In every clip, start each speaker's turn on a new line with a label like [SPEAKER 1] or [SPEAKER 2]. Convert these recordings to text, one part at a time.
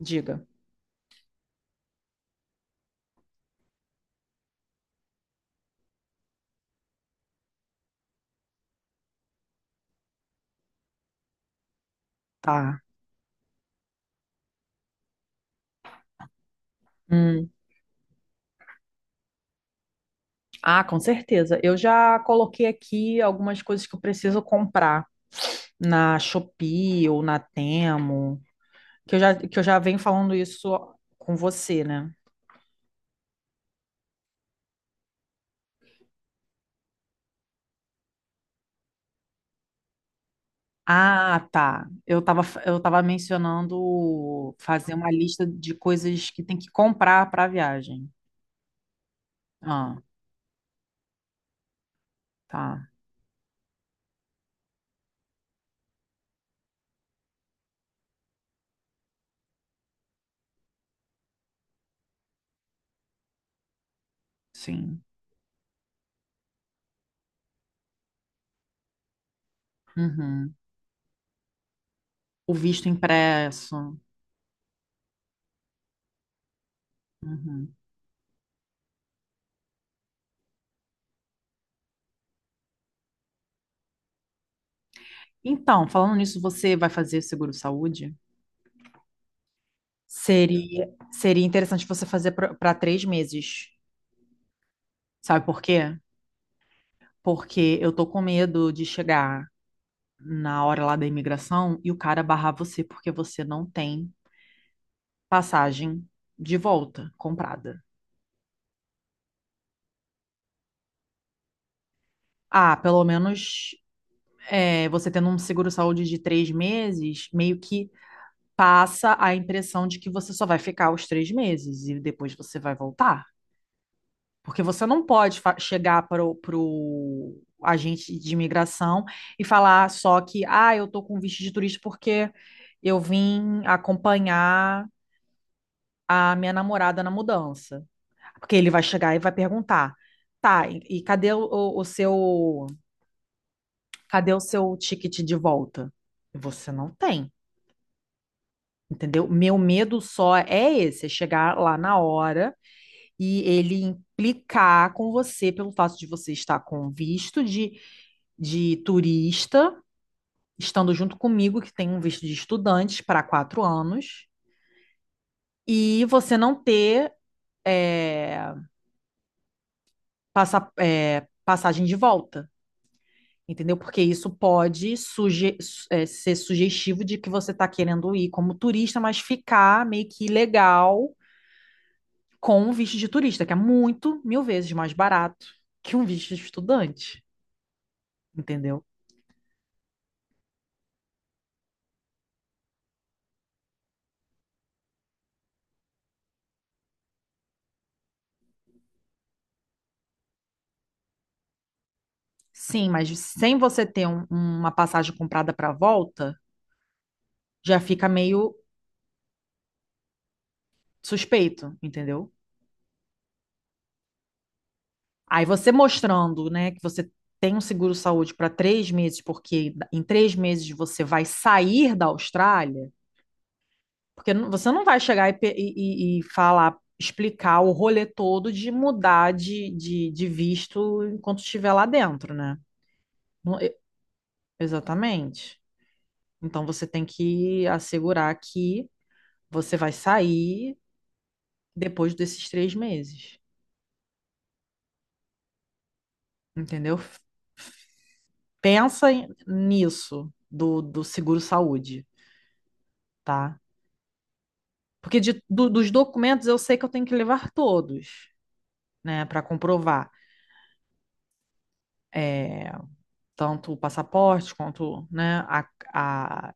[SPEAKER 1] Diga. Tá. Hum. Ah, com certeza, eu já coloquei aqui algumas coisas que eu preciso comprar na Shopee ou na Temo, que eu já venho falando isso com você, né? Ah, tá. Eu tava mencionando fazer uma lista de coisas que tem que comprar para a viagem. Ah, tá. Sim. Uhum. O visto impresso. Uhum. Então, falando nisso, você vai fazer seguro-saúde? Seria interessante você fazer para três meses. Sabe por quê? Porque eu tô com medo de chegar na hora lá da imigração e o cara barrar você porque você não tem passagem de volta comprada. Ah, pelo menos você tendo um seguro-saúde de três meses, meio que passa a impressão de que você só vai ficar os três meses e depois você vai voltar. Porque você não pode chegar para o agente de imigração e falar só que, ah, eu estou com visto de turista porque eu vim acompanhar a minha namorada na mudança. Porque ele vai chegar e vai perguntar, tá, e cadê o seu, cadê o seu ticket de volta? E você não tem, entendeu? Meu medo só é esse, é chegar lá na hora e ele implicar com você pelo fato de você estar com visto de turista, estando junto comigo, que tem um visto de estudante para quatro anos, e você não ter é, passagem de volta, entendeu? Porque isso pode ser sugestivo de que você está querendo ir como turista, mas ficar meio que ilegal com um visto de turista, que é muito, mil vezes mais barato que um visto de estudante, entendeu? Sim, mas sem você ter uma passagem comprada para volta, já fica meio suspeito, entendeu? Aí você mostrando, né, que você tem um seguro-saúde para três meses, porque em três meses você vai sair da Austrália, porque você não vai chegar e, e falar, explicar o rolê todo de mudar de visto enquanto estiver lá dentro, né? Não- e- exatamente. Então você tem que assegurar que você vai sair depois desses três meses, entendeu? Pensa nisso do seguro-saúde, tá? Porque dos documentos eu sei que eu tenho que levar todos, né, para comprovar. É, tanto o passaporte quanto, né, a...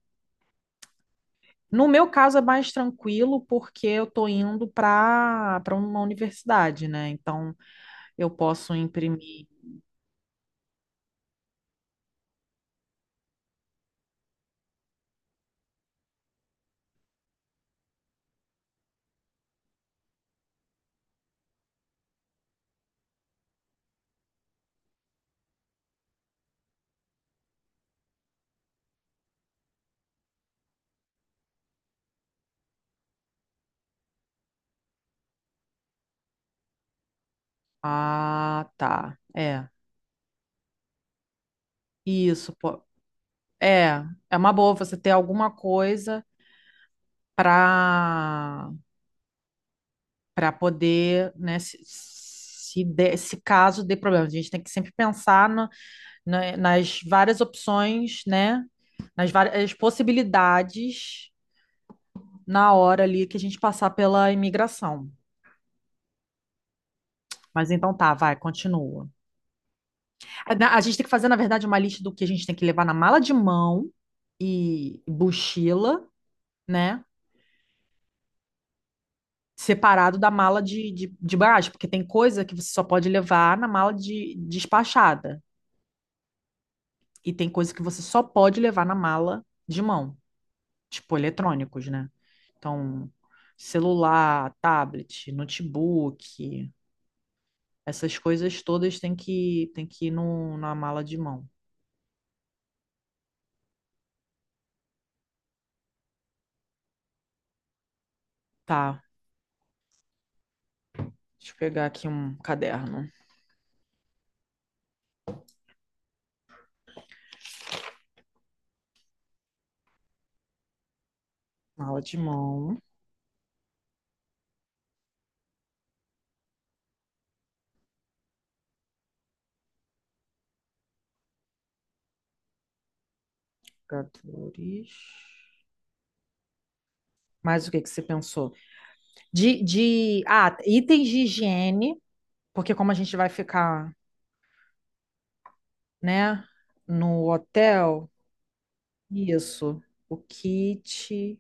[SPEAKER 1] No meu caso é mais tranquilo porque eu tô indo para uma universidade, né? Então eu posso imprimir. Ah, tá. É. Isso, pô. É, é uma boa você ter alguma coisa para para poder, né, se caso dê problema. A gente tem que sempre pensar nas várias opções, né, nas várias possibilidades na hora ali que a gente passar pela imigração. Mas então tá, vai, continua. A gente tem que fazer, na verdade, uma lista do que a gente tem que levar na mala de mão e mochila, né? Separado da mala de bagagem, porque tem coisa que você só pode levar na mala de despachada. E tem coisa que você só pode levar na mala de mão, tipo eletrônicos, né? Então, celular, tablet, notebook, essas coisas todas tem que ir no, na mala de mão. Tá, deixa eu pegar aqui um caderno. Mala de mão, jogadores. Mas o que que você pensou? Itens de higiene, porque como a gente vai ficar, né, no hotel, isso, o kit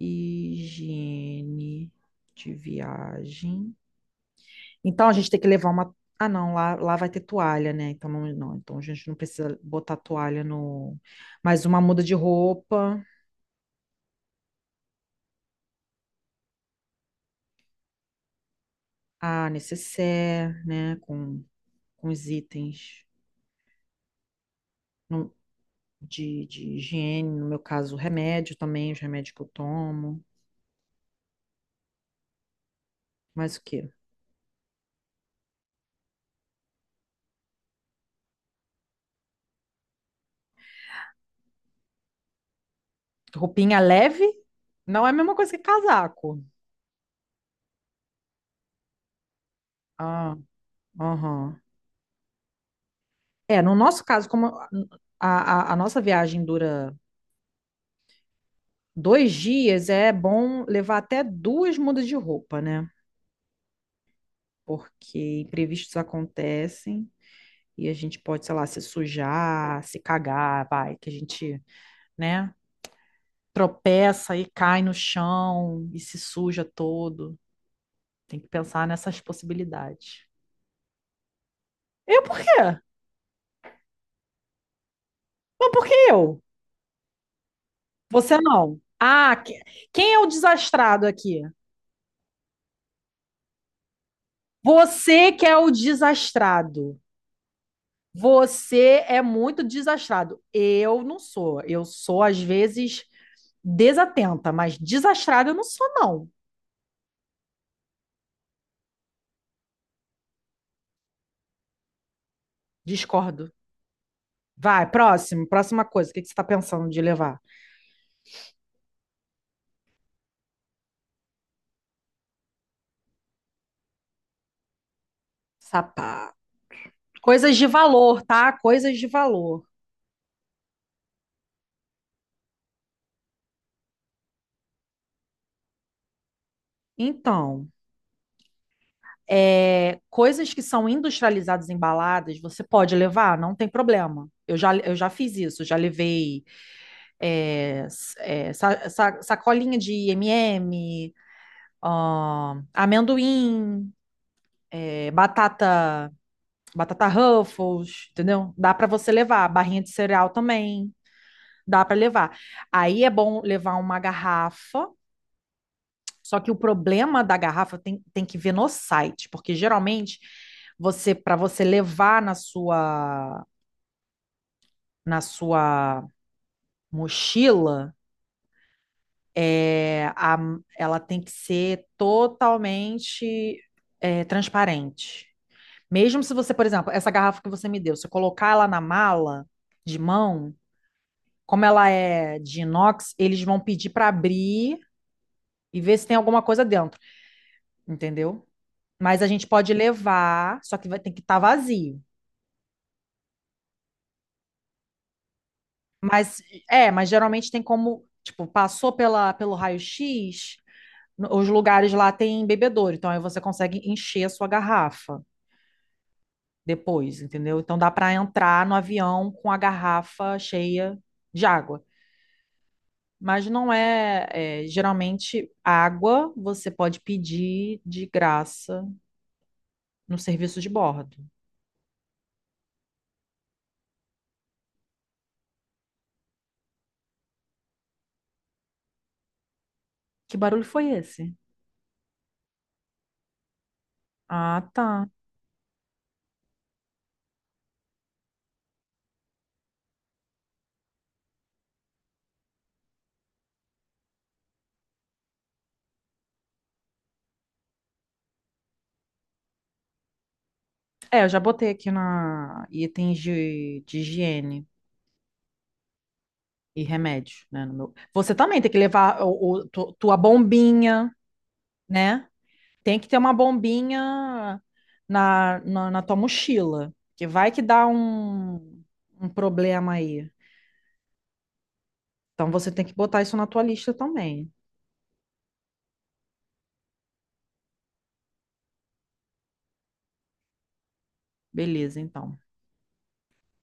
[SPEAKER 1] higiene de viagem. Então a gente tem que levar uma. Ah, não, lá vai ter toalha, né? Então não, a gente não precisa botar toalha no. Mas uma muda de roupa, a nécessaire, né? Com os itens não- de higiene, no meu caso, remédio também, os remédios que eu tomo. Mas o quê? Roupinha leve não é a mesma coisa que casaco. Ah, aham. É, no nosso caso, como a nossa viagem dura dois dias, é bom levar até duas mudas de roupa, né? Porque imprevistos acontecem e a gente pode, sei lá, se sujar, se cagar, vai, que a gente, né, tropeça e cai no chão e se suja todo. Tem que pensar nessas possibilidades. Eu por quê? Mas por que eu? Você não. Ah, quem é o desastrado aqui? Você que é o desastrado. Você é muito desastrado. Eu não sou. Eu sou, às vezes, desatenta, mas desastrado eu não sou, não. Discordo. Vai, próxima coisa. O que que você está pensando de levar? Sapato. Coisas de valor, tá? Coisas de valor. Então, é, coisas que são industrializadas, embaladas, você pode levar, não tem problema. Eu já fiz isso, já levei sacolinha de M&M, amendoim, é, batata, batata Ruffles, entendeu? Dá para você levar, barrinha de cereal também, dá para levar. Aí é bom levar uma garrafa, só que o problema da garrafa tem que ver no site, porque geralmente você para você levar na sua mochila, é, a, ela tem que ser totalmente é, transparente. Mesmo se você, por exemplo, essa garrafa que você me deu, se eu colocar ela na mala de mão, como ela é de inox, eles vão pedir para abrir e ver se tem alguma coisa dentro, entendeu? Mas a gente pode levar, só que vai, tem que estar vazio. Mas mas geralmente tem como, tipo, passou pela, pelo raio-x, os lugares lá tem bebedouro, então aí você consegue encher a sua garrafa depois, entendeu? Então dá para entrar no avião com a garrafa cheia de água. Mas não é, é, geralmente água você pode pedir de graça no serviço de bordo. Que barulho foi esse? Ah, tá. É, eu já botei aqui na itens de higiene e remédio, né? no meu- Você também tem que levar tua bombinha, né? Tem que ter uma bombinha na tua mochila, que vai que dá um problema aí. Então você tem que botar isso na tua lista também. Beleza, então.